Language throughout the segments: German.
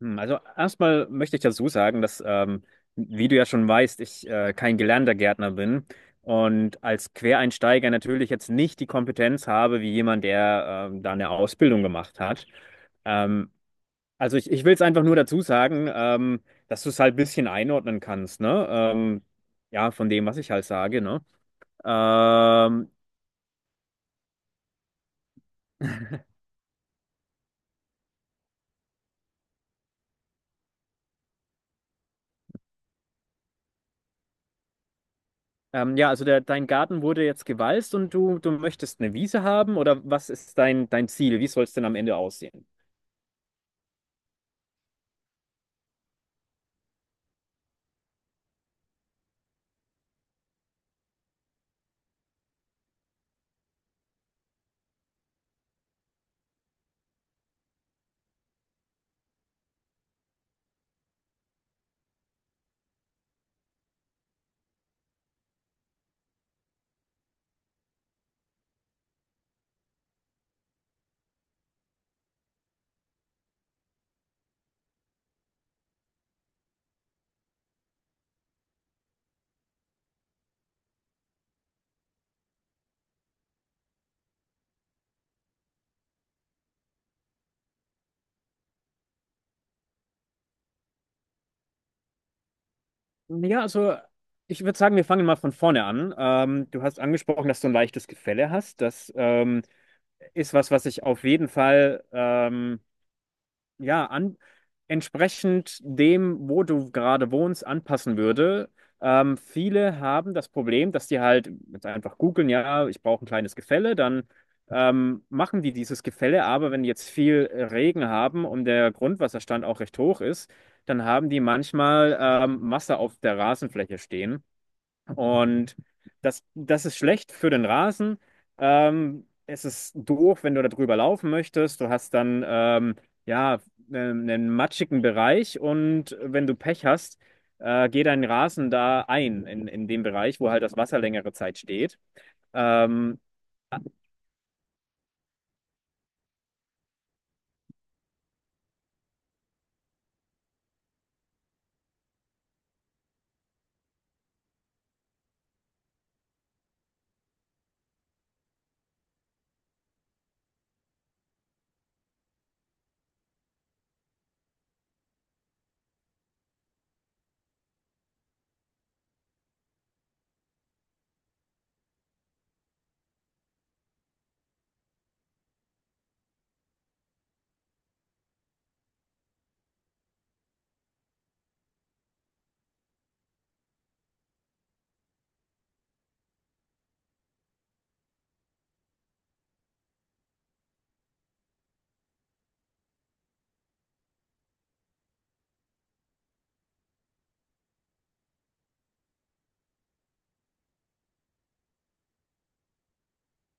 Also erstmal möchte ich dazu sagen, dass, wie du ja schon weißt, ich kein gelernter Gärtner bin und als Quereinsteiger natürlich jetzt nicht die Kompetenz habe, wie jemand, der da eine Ausbildung gemacht hat. Ähm, also ich will es einfach nur dazu sagen, dass du es halt ein bisschen einordnen kannst, ne? Ja, von dem, was ich halt sage, ne? Ähm, ja, also dein Garten wurde jetzt gewalzt und du möchtest eine Wiese haben, oder was ist dein Ziel? Wie soll es denn am Ende aussehen? Ja, also ich würde sagen, wir fangen mal von vorne an. Du hast angesprochen, dass du ein leichtes Gefälle hast. Das ist was, was ich auf jeden Fall ja, entsprechend dem, wo du gerade wohnst, anpassen würde. Viele haben das Problem, dass die halt jetzt einfach googeln, ja, ich brauche ein kleines Gefälle, dann machen die dieses Gefälle, aber wenn die jetzt viel Regen haben und der Grundwasserstand auch recht hoch ist, dann haben die manchmal Masse auf der Rasenfläche stehen. Und das ist schlecht für den Rasen. Es ist doof, wenn du da drüber laufen möchtest. Du hast dann ja einen matschigen Bereich, und wenn du Pech hast, geht dein Rasen da ein, in dem Bereich, wo halt das Wasser längere Zeit steht. Ähm,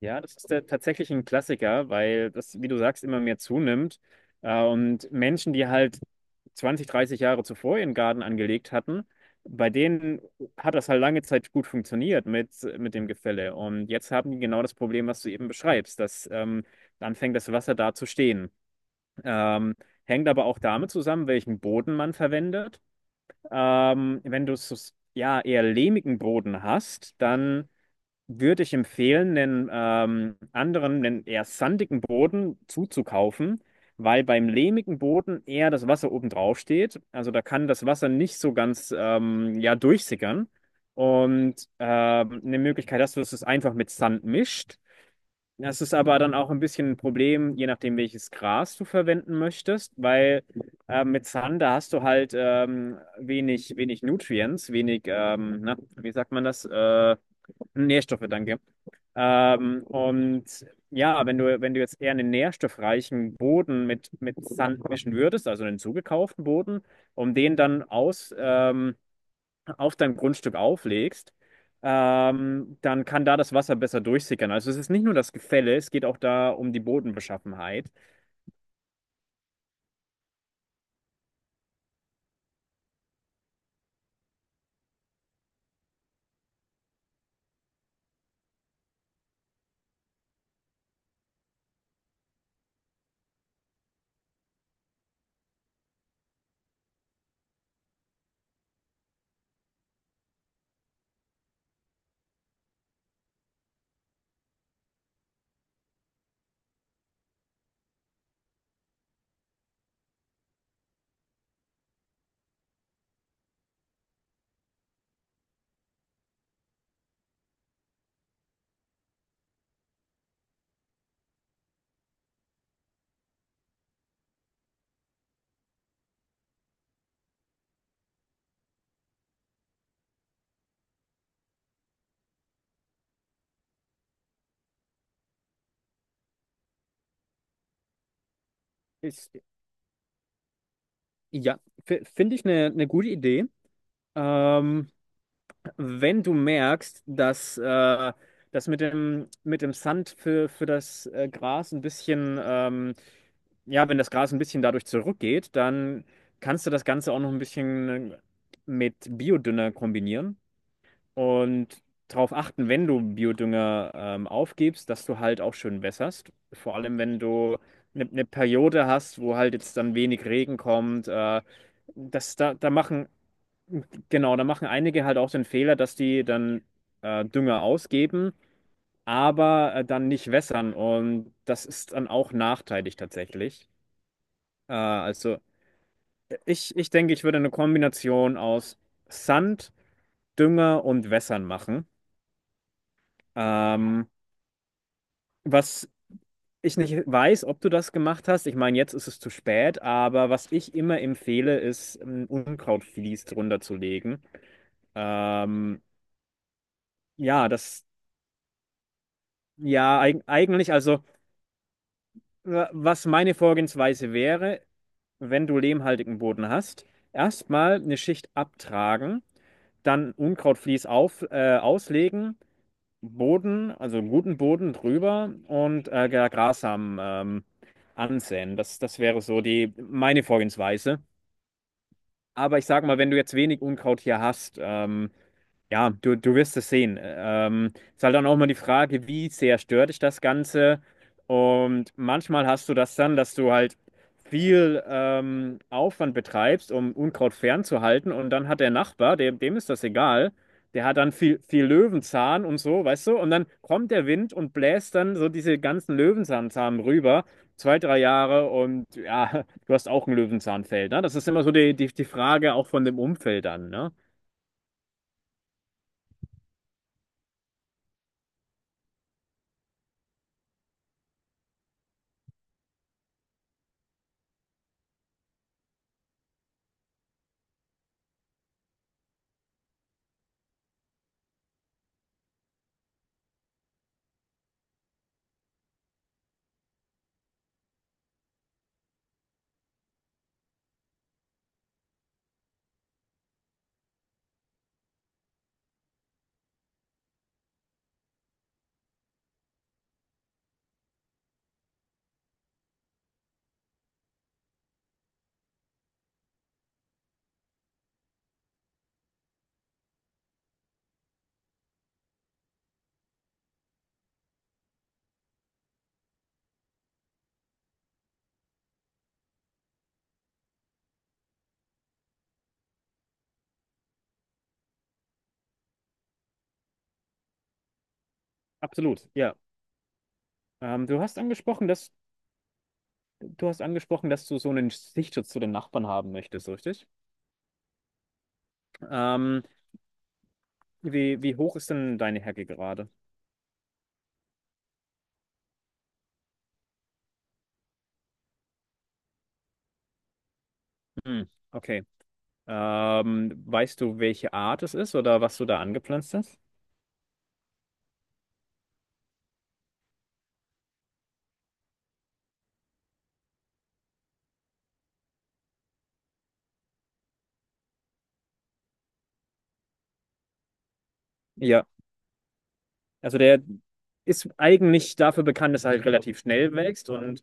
Ja, das ist tatsächlich ein Klassiker, weil das, wie du sagst, immer mehr zunimmt. Und Menschen, die halt 20, 30 Jahre zuvor ihren Garten angelegt hatten, bei denen hat das halt lange Zeit gut funktioniert mit dem Gefälle. Und jetzt haben die genau das Problem, was du eben beschreibst, dass anfängt das Wasser da zu stehen. Ähm, hängt aber auch damit zusammen, welchen Boden man verwendet. Wenn du es ja eher lehmigen Boden hast, dann würde ich empfehlen, einen einen eher sandigen Boden zuzukaufen, weil beim lehmigen Boden eher das Wasser oben drauf steht. Also da kann das Wasser nicht so ganz ja, durchsickern. Und eine Möglichkeit hast du, dass du es einfach mit Sand mischt. Das ist aber dann auch ein bisschen ein Problem, je nachdem, welches Gras du verwenden möchtest, weil mit Sand, da hast du halt wenig Nutrients, wenig, na, wie sagt man das? Nährstoffe, danke. Und ja, wenn du jetzt eher einen nährstoffreichen Boden mit Sand mischen würdest, also einen zugekauften Boden, um den dann auf dein Grundstück auflegst, dann kann da das Wasser besser durchsickern. Also es ist nicht nur das Gefälle, es geht auch da um die Bodenbeschaffenheit. Ist, ja, finde ich eine gute Idee. Ähm, wenn du merkst, dass das mit dem Sand für das Gras ein bisschen, ja, wenn das Gras ein bisschen dadurch zurückgeht, dann kannst du das Ganze auch noch ein bisschen mit Biodünger kombinieren und darauf achten, wenn du Biodünger aufgibst, dass du halt auch schön wässerst. Vor allem, wenn du eine Periode hast, wo halt jetzt dann wenig Regen kommt. Das, da, da machen Genau, da machen einige halt auch den Fehler, dass die dann Dünger ausgeben, aber dann nicht wässern, und das ist dann auch nachteilig tatsächlich. Also ich denke, ich würde eine Kombination aus Sand, Dünger und Wässern machen. Ähm, was ich nicht weiß, ob du das gemacht hast, ich meine, jetzt ist es zu spät, aber was ich immer empfehle, ist ein Unkrautvlies drunter zu legen. Ähm, ja, das, ja, eigentlich, also. Was meine Vorgehensweise wäre, wenn du lehmhaltigen Boden hast, erstmal eine Schicht abtragen, dann Unkrautvlies auslegen, Boden, also einen guten Boden drüber und Grassamen ansäen. Das wäre so die meine Vorgehensweise. Aber ich sag mal, wenn du jetzt wenig Unkraut hier hast, ja, du wirst es sehen. Ist halt dann auch mal die Frage, wie sehr stört dich das Ganze? Und manchmal hast du das dann, dass du halt viel Aufwand betreibst, um Unkraut fernzuhalten. Und dann hat der Nachbar, dem ist das egal, der hat dann viel Löwenzahn und so, weißt du? Und dann kommt der Wind und bläst dann so diese ganzen Löwenzahnsamen rüber, zwei, drei Jahre. Und ja, du hast auch ein Löwenzahnfeld, ne? Das ist immer so die Frage auch von dem Umfeld an, ne? Absolut, ja. Ähm, du hast angesprochen, dass du hast angesprochen, dass du so einen Sichtschutz zu den Nachbarn haben möchtest, richtig? Ähm, wie hoch ist denn deine Hecke gerade? Hm, okay. Weißt du, welche Art es ist oder was du da angepflanzt hast? Ja, also der ist eigentlich dafür bekannt, dass er halt relativ schnell wächst, und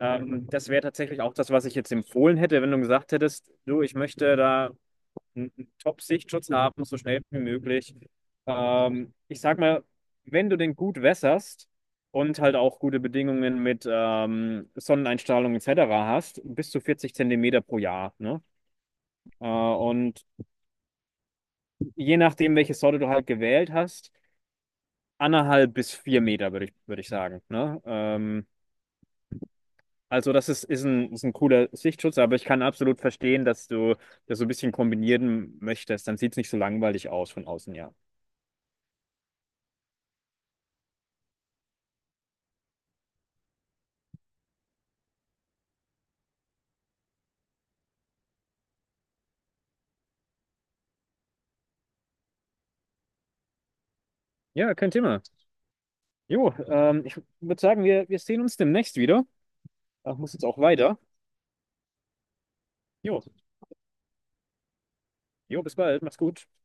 das wäre tatsächlich auch das, was ich jetzt empfohlen hätte, wenn du gesagt hättest: du, ich möchte da einen Top-Sichtschutz haben, so schnell wie möglich. Ich sag mal, wenn du den gut wässerst und halt auch gute Bedingungen mit Sonneneinstrahlung etc. hast, bis zu 40 Zentimeter pro Jahr. Ne? Und je nachdem, welche Sorte du halt gewählt hast, 1,5 bis 4 Meter, würde ich sagen. Ne? Also das ist ein cooler Sichtschutz, aber ich kann absolut verstehen, dass du das so ein bisschen kombinieren möchtest. Dann sieht es nicht so langweilig aus von außen, ja. Ja, kein Thema. Jo, ich würde sagen, wir sehen uns demnächst wieder. Ich muss jetzt auch weiter. Jo, jo, bis bald. Mach's gut.